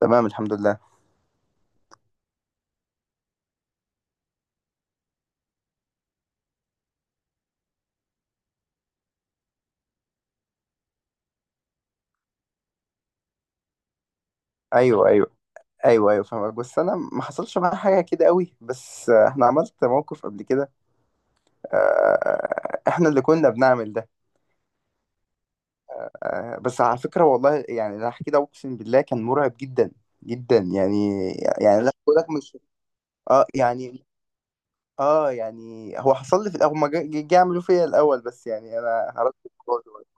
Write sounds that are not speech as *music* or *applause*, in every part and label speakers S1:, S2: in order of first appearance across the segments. S1: تمام الحمد لله. ايوه ايوه ايوه ايوه فاهمك، بس انا ما حصلش معايا حاجه كده قوي، بس احنا عملت موقف قبل كده. احنا اللي كنا بنعمل ده. بس على فكره والله، يعني اللي هحكي ده اقسم بالله كان مرعب جدا جدا يعني. يعني لا بقول لك، مش اه يعني. اه يعني هو حصل لي في الاول ما جا يعملوا فيا الاول، بس يعني انا عرفت الموضوع دلوقتي.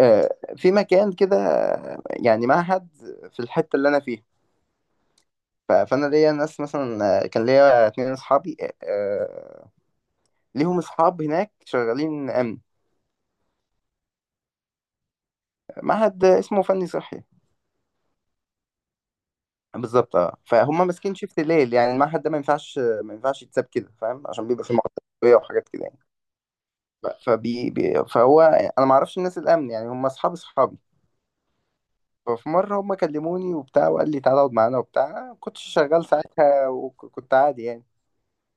S1: في مكان كده، يعني معهد في الحته اللي انا فيها. فانا ليا ناس مثلا، كان ليا اتنين اصحابي، آه، ليهم اصحاب هناك شغالين امن. معهد اسمه فني صحي. بالظبط اه، فهم ماسكين شيفت الليل. يعني المعهد ده ما ينفعش، ما ينفعش يتساب كده فاهم، عشان بيبقى فيه مواد تربويه وحاجات كده يعني. ف- فبي بي فهو انا ما اعرفش الناس الامن، يعني هم اصحاب اصحابي. ففي مره هم كلموني وبتاع، وقال لي تعالى اقعد معانا وبتاع. أنا ما كنتش شغال ساعتها وكنت عادي يعني.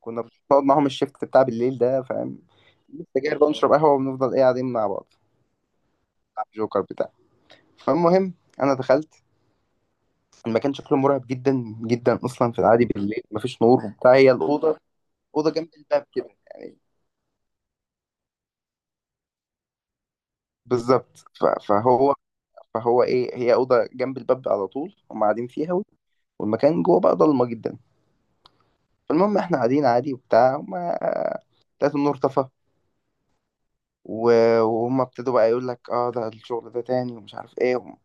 S1: كنا بنقعد معاهم الشيفت بتاع بالليل ده فاهم، سجاير بقى ونشرب قهوة ونفضل ايه قاعدين مع بعض، جوكر بتاع. فالمهم، انا دخلت المكان، شكله مرعب جدا جدا اصلا في العادي، بالليل مفيش نور وبتاع، هي الاوضه اوضه جنب الباب كده يعني. بالظبط، فهو ايه، هي اوضه جنب الباب على طول هم قاعدين فيها، والمكان جوه بقى ضلمه جدا. فالمهم احنا قاعدين عادي وبتاع، وما لقيت النور طفى، وهم ابتدوا بقى يقول لك اه ده الشغل ده تاني ومش عارف ايه.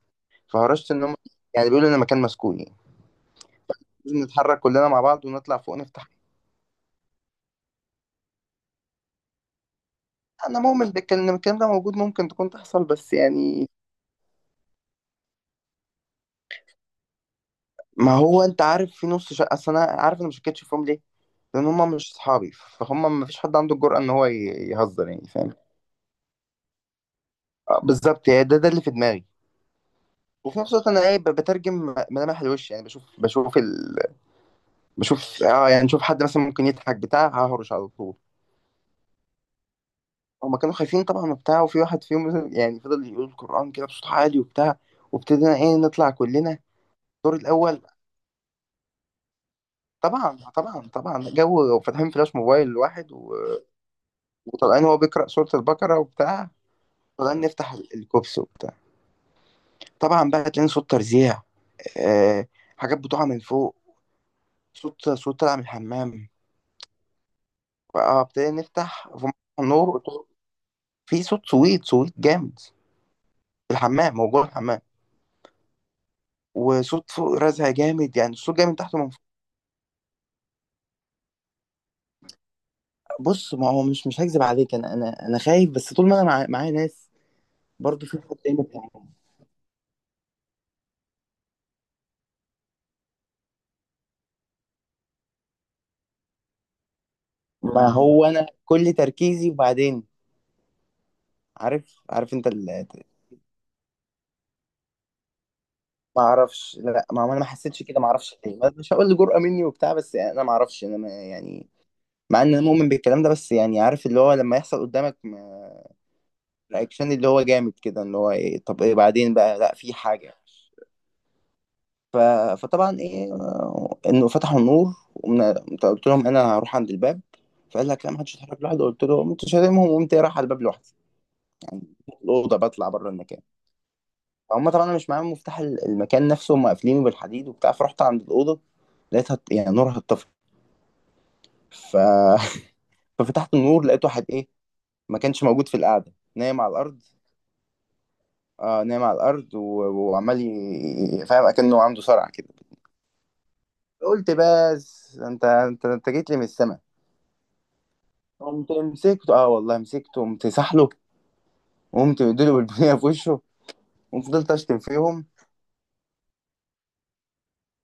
S1: فهرشت ان هم يعني بيقولوا ان المكان مسكون يعني، لازم نتحرك كلنا مع بعض ونطلع فوق نفتح. انا مؤمن بالكلام، إن الكلام ده موجود، ممكن تكون تحصل، بس يعني ما هو انت عارف في نص شقه. اصل انا عارف انا ما شكتش فيهم ليه، لان هم مش اصحابي، فهم ما فيش حد عنده الجرأه ان هو يهزر يعني فاهم. بالظبط، يعني ده ده اللي في دماغي. وفي نفس الوقت انا ايه، بترجم ملامح الوش يعني، بشوف بشوف بشوف، اه يعني بشوف حد مثلا ممكن يضحك بتاع ههرش على طول. هما كانوا خايفين طبعا وبتاع، وفي واحد فيهم يعني فضل يقول القرآن كده بصوت عالي وبتاع، وابتدينا ايه نطلع كلنا الدور الاول. طبعا طبعا طبعا، جو فاتحين فلاش موبايل الواحد وطلعان هو بيقرأ سورة البقرة وبتاع، طلعان نفتح الكوبس وبتاع. طبعا بقى تلاقي صوت ترزيع، آه... حاجات بتقع من فوق، صوت صوت طالع من الحمام. اه ابتدينا نفتح في مفتاح النور، قلت له في صوت سويت سويت جامد في الحمام، هو جوه الحمام، وصوت فوق رزع جامد، يعني الصوت جاي من تحت ومن فوق. بص، ما هو مش مش هكذب عليك، انا خايف، بس طول ما انا معايا ناس، برضه في حد تاني بتاع. ما هو انا كل تركيزي، وبعدين عارف عارف انت ما اعرفش، لا انا ما حسيتش كده، ما اعرفش ليه، مش هقول جرأة مني وبتاع، بس يعني انا ما اعرفش، انا ما يعني، مع ان انا مؤمن بالكلام ده، بس يعني عارف اللي هو لما يحصل قدامك، رياكشن اللي هو جامد كده، اللي هو ايه طب ايه بعدين بقى، لا في حاجة. ف... فطبعا ايه، انه فتحوا النور قلت لهم انا هروح عند الباب. فقال لك لا ما حدش يتحرك لوحده. قلت له، قمت شاتمهم وقمت إيه، رايح على الباب لوحدي الاوضه، بطلع بره المكان. فهم طبعا انا مش معاهم مفتاح المكان نفسه، هم قافلينه بالحديد وبتاع. فرحت عند الاوضه، لقيتها يعني نورها اتطفى. ف... *laughs* ففتحت النور، لقيت واحد ايه ما كانش موجود في القعده نايم على الارض. اه نايم على الارض وعمال فاهم اكنه عنده صرع كده. قلت بس، انت جيت لي من السما. قمت مسكته، اه والله مسكته، قمت سحله وقمت مديله بالبنيه في وشه، وفضلت اشتم فيهم.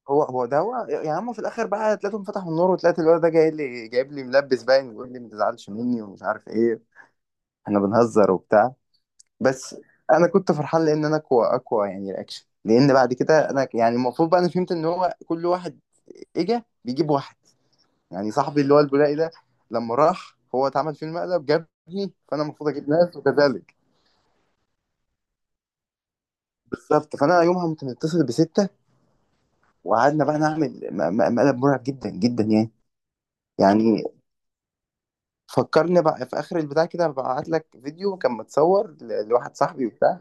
S1: هو يا عم، في الاخر بقى تلاقيهم فتحوا النور، وطلعت الواد ده جاي لي جايب لي ملبس باين، ويقول لي ما تزعلش مني ومش عارف ايه، احنا بنهزر وبتاع. بس انا كنت فرحان، لان انا اقوى اقوى يعني رياكشن، لان بعد كده انا يعني المفروض بقى، انا فهمت ان هو كل واحد اجا بيجيب واحد. يعني صاحبي اللي هو البولائي ده لما راح، هو اتعمل فيه المقلب، جابني، فانا المفروض اجيب ناس وكذلك. بالظبط، فانا يومها كنت متصل بستة. وقعدنا بقى نعمل مقلب مرعب جدا جدا يعني. يعني فكرني بقى في اخر البتاع كده، ببعت لك فيديو كان متصور لواحد صاحبي وبتاع.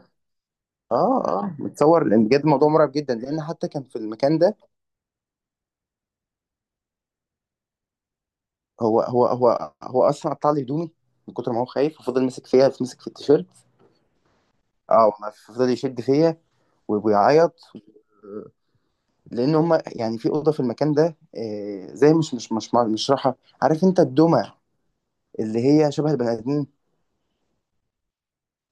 S1: اه اه متصور، لان بجد الموضوع مرعب جدا، لان حتى كان في المكان ده. هو اصلا قطع لي هدومي من كتر ما هو خايف، وفضل ماسك فيها، ماسك في التيشيرت. اه والله فضل يشد فيا وبيعيط، لان هم يعني في اوضه في المكان ده، زي مش راحه. عارف انت الدمى اللي هي شبه البني ادمين.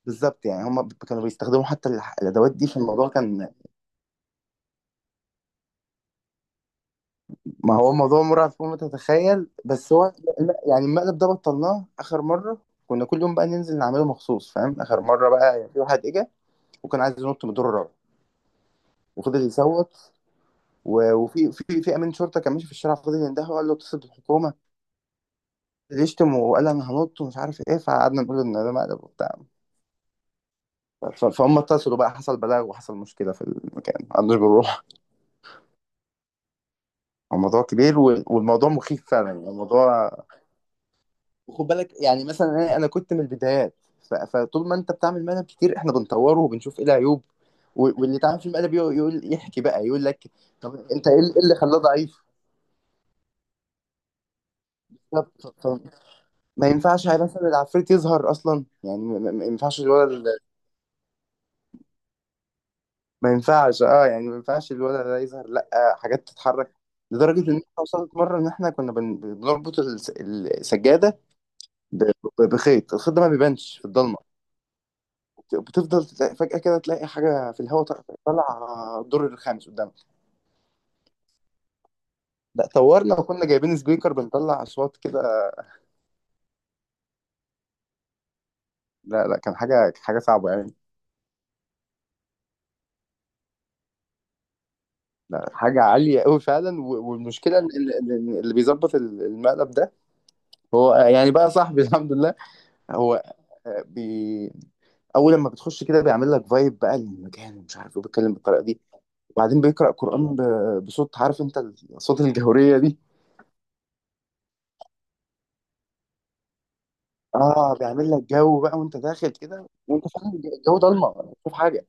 S1: بالظبط، يعني هم كانوا بيستخدموا حتى الادوات دي في الموضوع كان. ما هو موضوع مرعب فوق ما تتخيل، بس هو يعني المقلب ده بطلناه اخر مره. كنا كل يوم بقى ننزل نعمله مخصوص فاهم. اخر مره بقى يعني في واحد اجى، وكان عايز ينط من الدور الرابع، وفضل يصوت، و- وفي في في امين شرطه كان ماشي في الشارع، فضل يندهه وقال له اتصل بالحكومه اللي يشتم، وقال انا هنط ومش عارف ايه. فقعدنا نقول ان ده مقلب وبتاع. فهم اتصلوا بقى، حصل بلاغ وحصل مشكله في المكان، ما عندوش بنروح. الموضوع كبير، والموضوع مخيف فعلا، يعني الموضوع، خد بالك. يعني مثلا أنا كنت من البدايات. فطول ما انت بتعمل مقلب كتير، احنا بنطوره وبنشوف ايه العيوب، واللي تعمل في المقلب يقول يحكي بقى، يقول لك طب انت ايه اللي إيه اللي خلاه ضعيف. ما ينفعش هي مثلا العفريت يظهر اصلا، يعني ما ينفعش الولد ما ينفعش اه يعني، ما ينفعش الولد ده يظهر لا، حاجات تتحرك. لدرجه ان احنا وصلت مره، ان احنا كنا بنربط السجاده ب- بخيط، الخيط ده ما بيبانش في الضلمه. بتفضل تلاقي فجاه كده، تلاقي حاجه في الهواء طالعه طالعة الدور الخامس قدامك. لا طورنا، وكنا جايبين سبيكر بنطلع اصوات كده. لا لا، كان حاجه حاجه صعبه يعني. لا حاجه عاليه قوي فعلا. والمشكله ان إن اللي بيظبط المقلب ده، هو يعني بقى صاحبي *laughs* الحمد لله. هو بي، اول لما بتخش كده بيعمل لك فايب بقى للمكان، ومش عارف ايه، بيتكلم بالطريقه دي، وبعدين بيقرا قران بصوت عارف انت الصوت الجهوريه دي. اه بيعمل لك جو بقى، وانت داخل كده وانت فعلا الجو ضلمه مش شايف حاجه.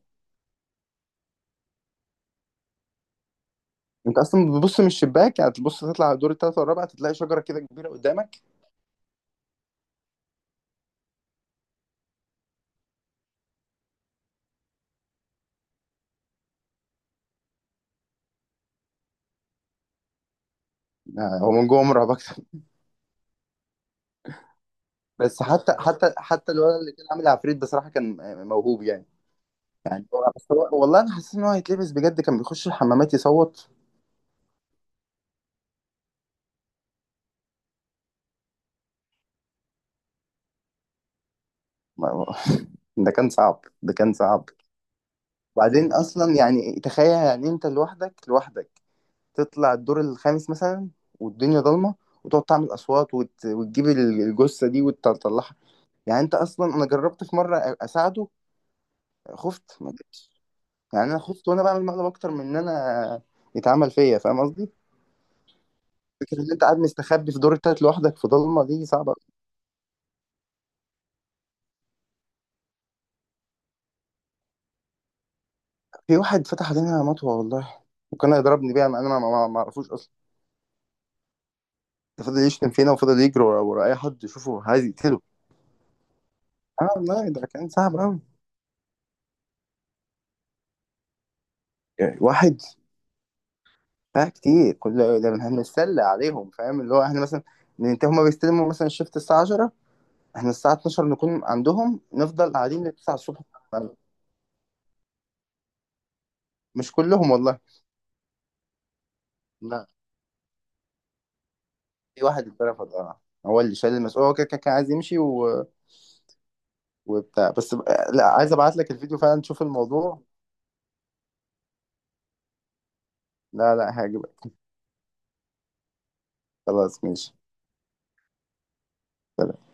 S1: انت اصلا بتبص من الشباك، يعني تبص تطلع على الدور الثالث والرابع، تلاقي شجره كده كبيره قدامك. هو من جوه مرعب اكتر *laughs* بس حتى الولد اللي كان عامل عفريت، بصراحه كان موهوب يعني. بس والله انا حسيت ان هو هيتلبس بجد، كان بيخش الحمامات يصوت. ما- *laughs* ده كان صعب، ده كان صعب. وبعدين اصلا يعني تخيل، يعني انت لوحدك لوحدك تطلع الدور الخامس مثلا والدنيا ضلمه، وتقعد تعمل اصوات، وتجيب الجثه دي وتطلعها. يعني انت اصلا، انا جربت في مره اساعده، خفت ما جبتش. يعني انا خفت وانا بعمل مقلب اكتر من ان انا يتعمل فيا، فاهم قصدي؟ فكره ان انت قاعد مستخبي في دور التالت لوحدك في ضلمه، دي صعبه. في واحد فتح علينا مطوة والله، وكان هيضربني بيها، انا ما ما ما اعرفوش اصلا. ده فضل يشتم فينا، وفضل يجري ورا ورا اي حد يشوفه عايز يقتله. اه والله ده كان صعب قوي. يعني واحد بقى كتير كل، ده احنا بنتسلى عليهم فاهم. اللي هو احنا مثلا ننتهي، هما بيستلموا مثلا الشفت الساعة 10، احنا الساعة 12 نكون عندهم، نفضل قاعدين لل 9 الصبح. مش كلهم والله لا، في واحد اترفض اه. هو اللي شال المسؤولية، هو كده كده كان عايز يمشي وبتاع، لا عايز ابعت لك الفيديو فعلا تشوف الموضوع، لا لا هيعجبك. خلاص ماشي. سلام.